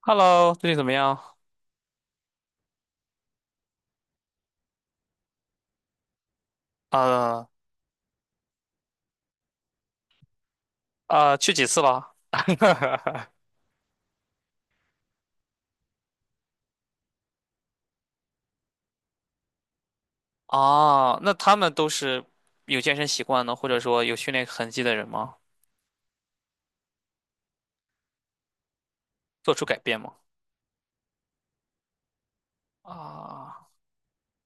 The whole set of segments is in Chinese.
Hello，最近怎么样？呃去几次了？啊，那他们都是有健身习惯呢，或者说有训练痕迹的人吗？做出改变吗？啊，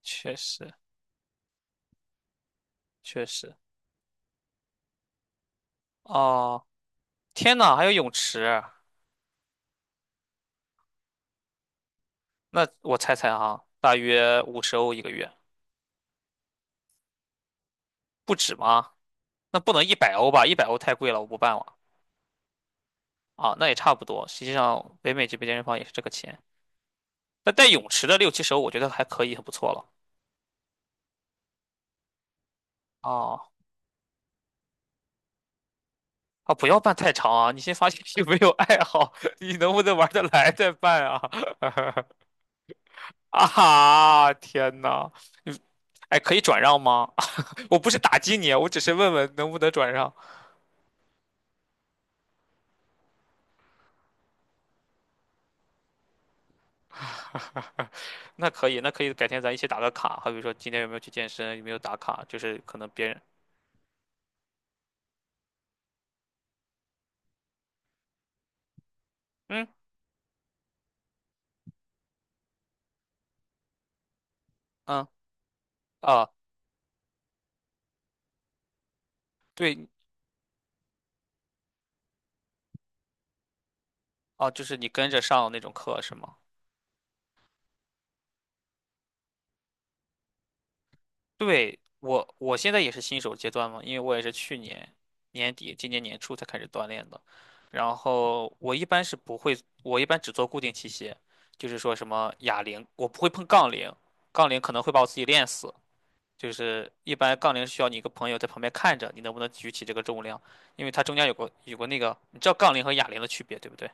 确实确实。哦，天呐，还有泳池？那我猜猜哈，大约50欧一个月，不止吗？那不能一百欧吧？一百欧太贵了，我不办了。啊，那也差不多。实际上，北美这边健身房也是这个钱，那带泳池的六七十欧，我觉得还可以，很不错了。哦。啊，不要办太长啊！你先发信息，没有爱好，你能不能玩得来再办啊？啊哈！天呐，你哎，可以转让吗？我不是打击你啊，我只是问问能不能转让。那可以，那可以，改天咱一起打个卡，好比说今天有没有去健身，有没有打卡，就是可能别人，嗯嗯啊，对啊，就是你跟着上那种课是吗？对，我现在也是新手阶段嘛，因为我也是去年年底、今年年初才开始锻炼的。然后我一般是不会，我一般只做固定器械，就是说什么哑铃，我不会碰杠铃，杠铃可能会把我自己练死。就是一般杠铃需要你一个朋友在旁边看着，你能不能举起这个重量，因为它中间有个那个，你知道杠铃和哑铃的区别，对不对？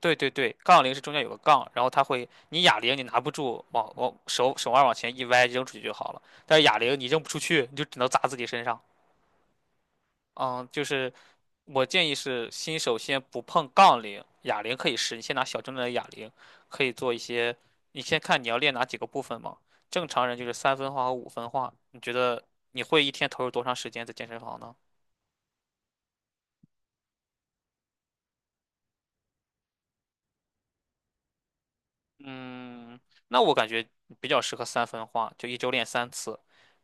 对对对，杠铃是中间有个杠，然后它会，你哑铃你拿不住，往往手腕往前一歪扔出去就好了。但是哑铃你扔不出去，你就只能砸自己身上。嗯，就是我建议是新手先不碰杠铃，哑铃可以试，你先拿小重量的哑铃，可以做一些，你先看你要练哪几个部分嘛。正常人就是三分化和五分化，你觉得你会一天投入多长时间在健身房呢？嗯，那我感觉比较适合三分化，就一周练三次，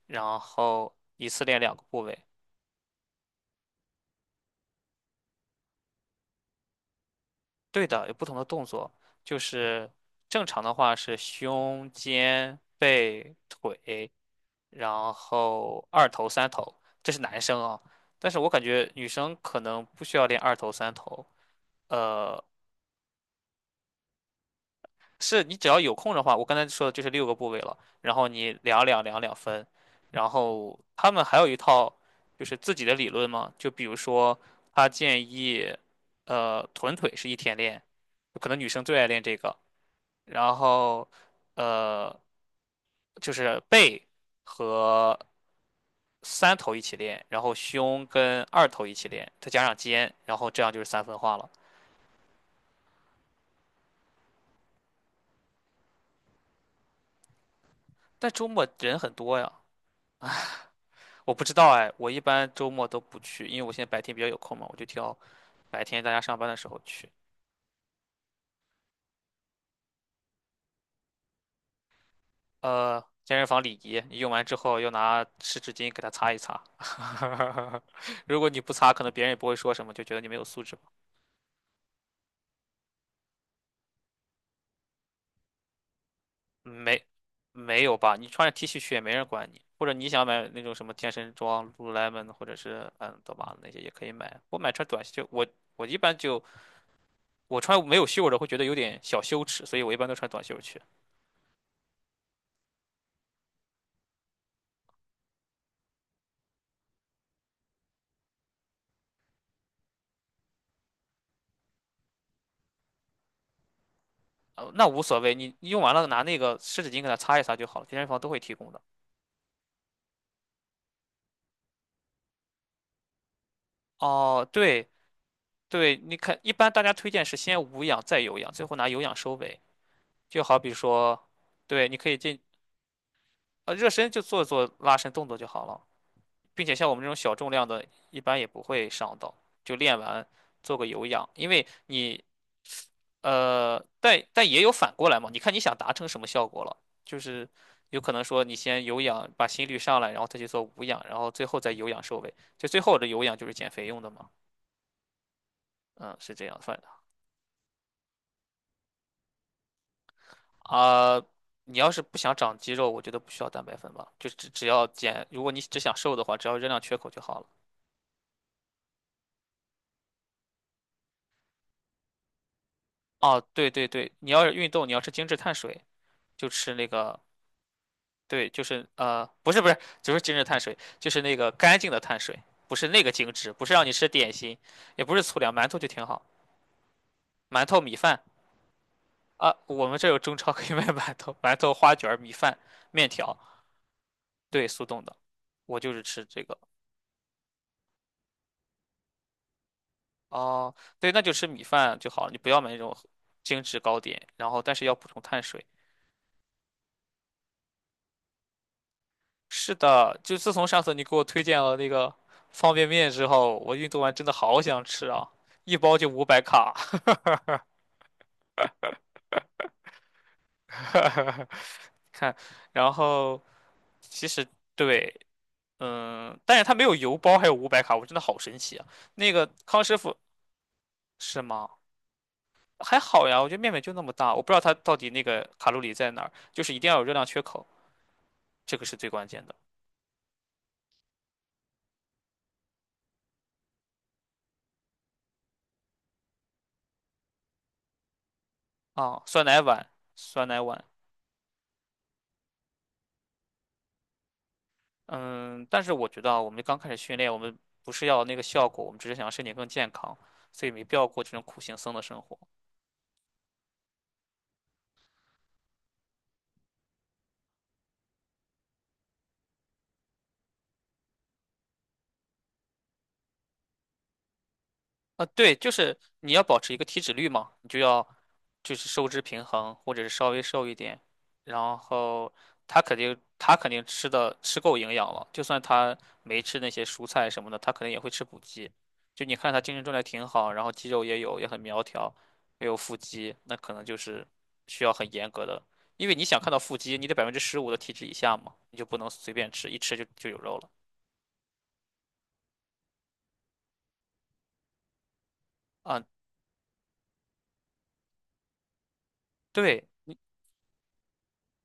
然后一次练两个部位。对的，有不同的动作，就是正常的话是胸、肩、背、腿，然后二头、三头，这是男生啊。但是我感觉女生可能不需要练二头、三头，呃。是你只要有空的话，我刚才说的就是六个部位了，然后你两两分，然后他们还有一套就是自己的理论嘛，就比如说他建议，臀腿是一天练，可能女生最爱练这个，然后呃就是背和三头一起练，然后胸跟二头一起练，再加上肩，然后这样就是三分化了。但周末人很多呀。我不知道哎，我一般周末都不去，因为我现在白天比较有空嘛，我就挑白天大家上班的时候去。健身房礼仪，你用完之后要拿湿纸巾给它擦一擦。如果你不擦，可能别人也不会说什么，就觉得你没有素质吧。嗯没，没有吧？你穿着 T 恤去也没人管你，或者你想买那种什么健身装 l u l l e m o n 或者是嗯，多玛那些也可以买。我买穿短袖，我我一般就我穿没有袖的会觉得有点小羞耻，所以我一般都穿短袖去。那无所谓，你用完了拿那个湿纸巾给它擦一擦就好了，健身房都会提供的。哦，对对，你看，一般大家推荐是先无氧再有氧，最后拿有氧收尾。就好比说，对，你可以进呃热身就做做拉伸动作就好了，并且像我们这种小重量的，一般也不会伤到，就练完做个有氧，因为你但也有反过来嘛，你看你想达成什么效果了，就是有可能说你先有氧把心率上来，然后再去做无氧，然后最后再有氧收尾，就最后的有氧就是减肥用的嘛，嗯，是这样算的啊。你要是不想长肌肉，我觉得不需要蛋白粉吧，就只要减，如果你只想瘦的话，只要热量缺口就好了。哦，对对对，你要是运动，你要吃精致碳水，就吃那个对，就是不是不是，就是精致碳水，就是那个干净的碳水，不是那个精致，不是让你吃点心，也不是粗粮，馒头就挺好，馒头米饭。啊，我们这有中超可以 卖馒头，馒头花卷儿米饭、面条，对，速冻的，我就是吃这个。哦，对，那就吃米饭就好了，你不要买那种精致糕点，然后但是要补充碳水。是的，就自从上次你给我推荐了那个方便面之后，我运动完真的好想吃啊，一包就五百卡。看，然后其实对，但是它没有油包，还有五百卡，我真的好神奇啊！那个康师傅是吗？还好呀，我觉得面面就那么大，我不知道它到底那个卡路里在哪儿，就是一定要有热量缺口，这个是最关键的。啊。酸奶碗，酸奶碗，嗯，但是我觉得啊，我们刚开始训练，我们不是要那个效果，我们只是想让身体更健康，所以没必要过这种苦行僧的生活。啊，对，就是你要保持一个体脂率嘛，你就要就是收支平衡，或者是稍微瘦一点。然后他肯定吃的吃够营养了，就算他没吃那些蔬菜什么的，他肯定也会吃补剂。就你看他精神状态挺好，然后肌肉也有，也很苗条，也有腹肌，那可能就是需要很严格的，因为你想看到腹肌，你得15%的体脂以下嘛，你就不能随便吃，一吃就有肉了。啊，对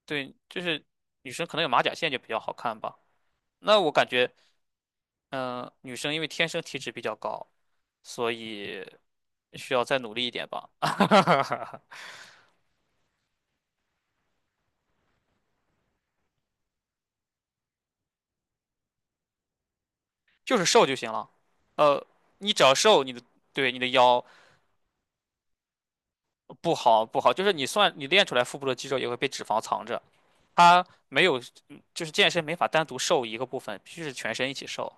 对，就是女生可能有马甲线就比较好看吧。那我感觉，嗯、女生因为天生体脂比较高，所以需要再努力一点吧，就是瘦就行了。呃，你只要瘦，你的对你的腰不好不好，就是你算你练出来腹部的肌肉也会被脂肪藏着，它没有，就是健身没法单独瘦一个部分，必须是全身一起瘦。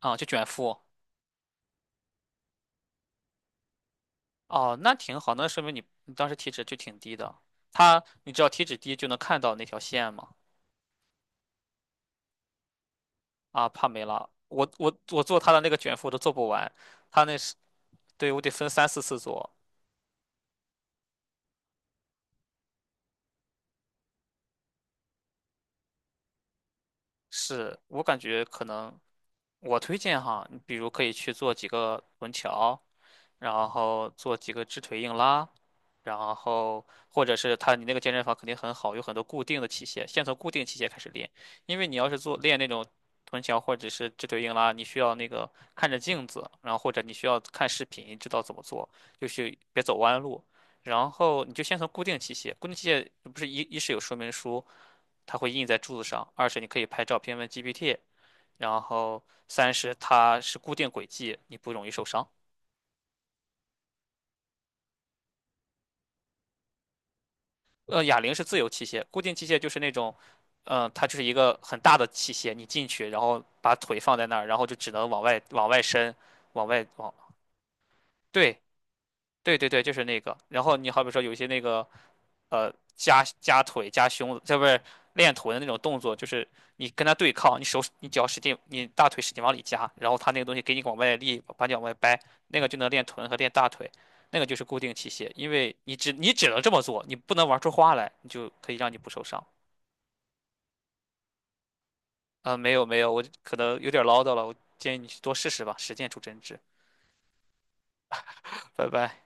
啊、就卷腹。哦，那挺好，那说明你当时体脂就挺低的。它，你只要体脂低就能看到那条线嘛。啊，帕梅拉，我做他的那个卷腹我都做不完，他那是，对，我得分三四次做。是我感觉可能我推荐哈，你比如可以去做几个臀桥，然后做几个直腿硬拉，然后或者是他，你那个健身房肯定很好，有很多固定的器械，先从固定器械开始练，因为你要是做练那种臀桥或者是直腿硬拉，你需要那个看着镜子，然后或者你需要看视频知道怎么做，就是别走弯路。然后你就先从固定器械，固定器械不是一是有说明书，它会印在柱子上；二是你可以拍照片问 GPT，然后三是它是固定轨迹，你不容易受伤。哑铃是自由器械，固定器械就是那种，它就是一个很大的器械，你进去，然后把腿放在那儿，然后就只能往外、往外伸，往外往，对，对对对，就是那个。然后你好比说有一些那个夹腿、夹胸，这不是练臀的那种动作，就是你跟他对抗，你手你脚使劲，你大腿使劲往里夹，然后他那个东西给你往外力，把你往外掰，那个就能练臀和练大腿，那个就是固定器械，因为你只能这么做，你不能玩出花来，你就可以让你不受伤。啊、没有没有，我可能有点唠叨了，我建议你去多试试吧，实践出真知。拜拜。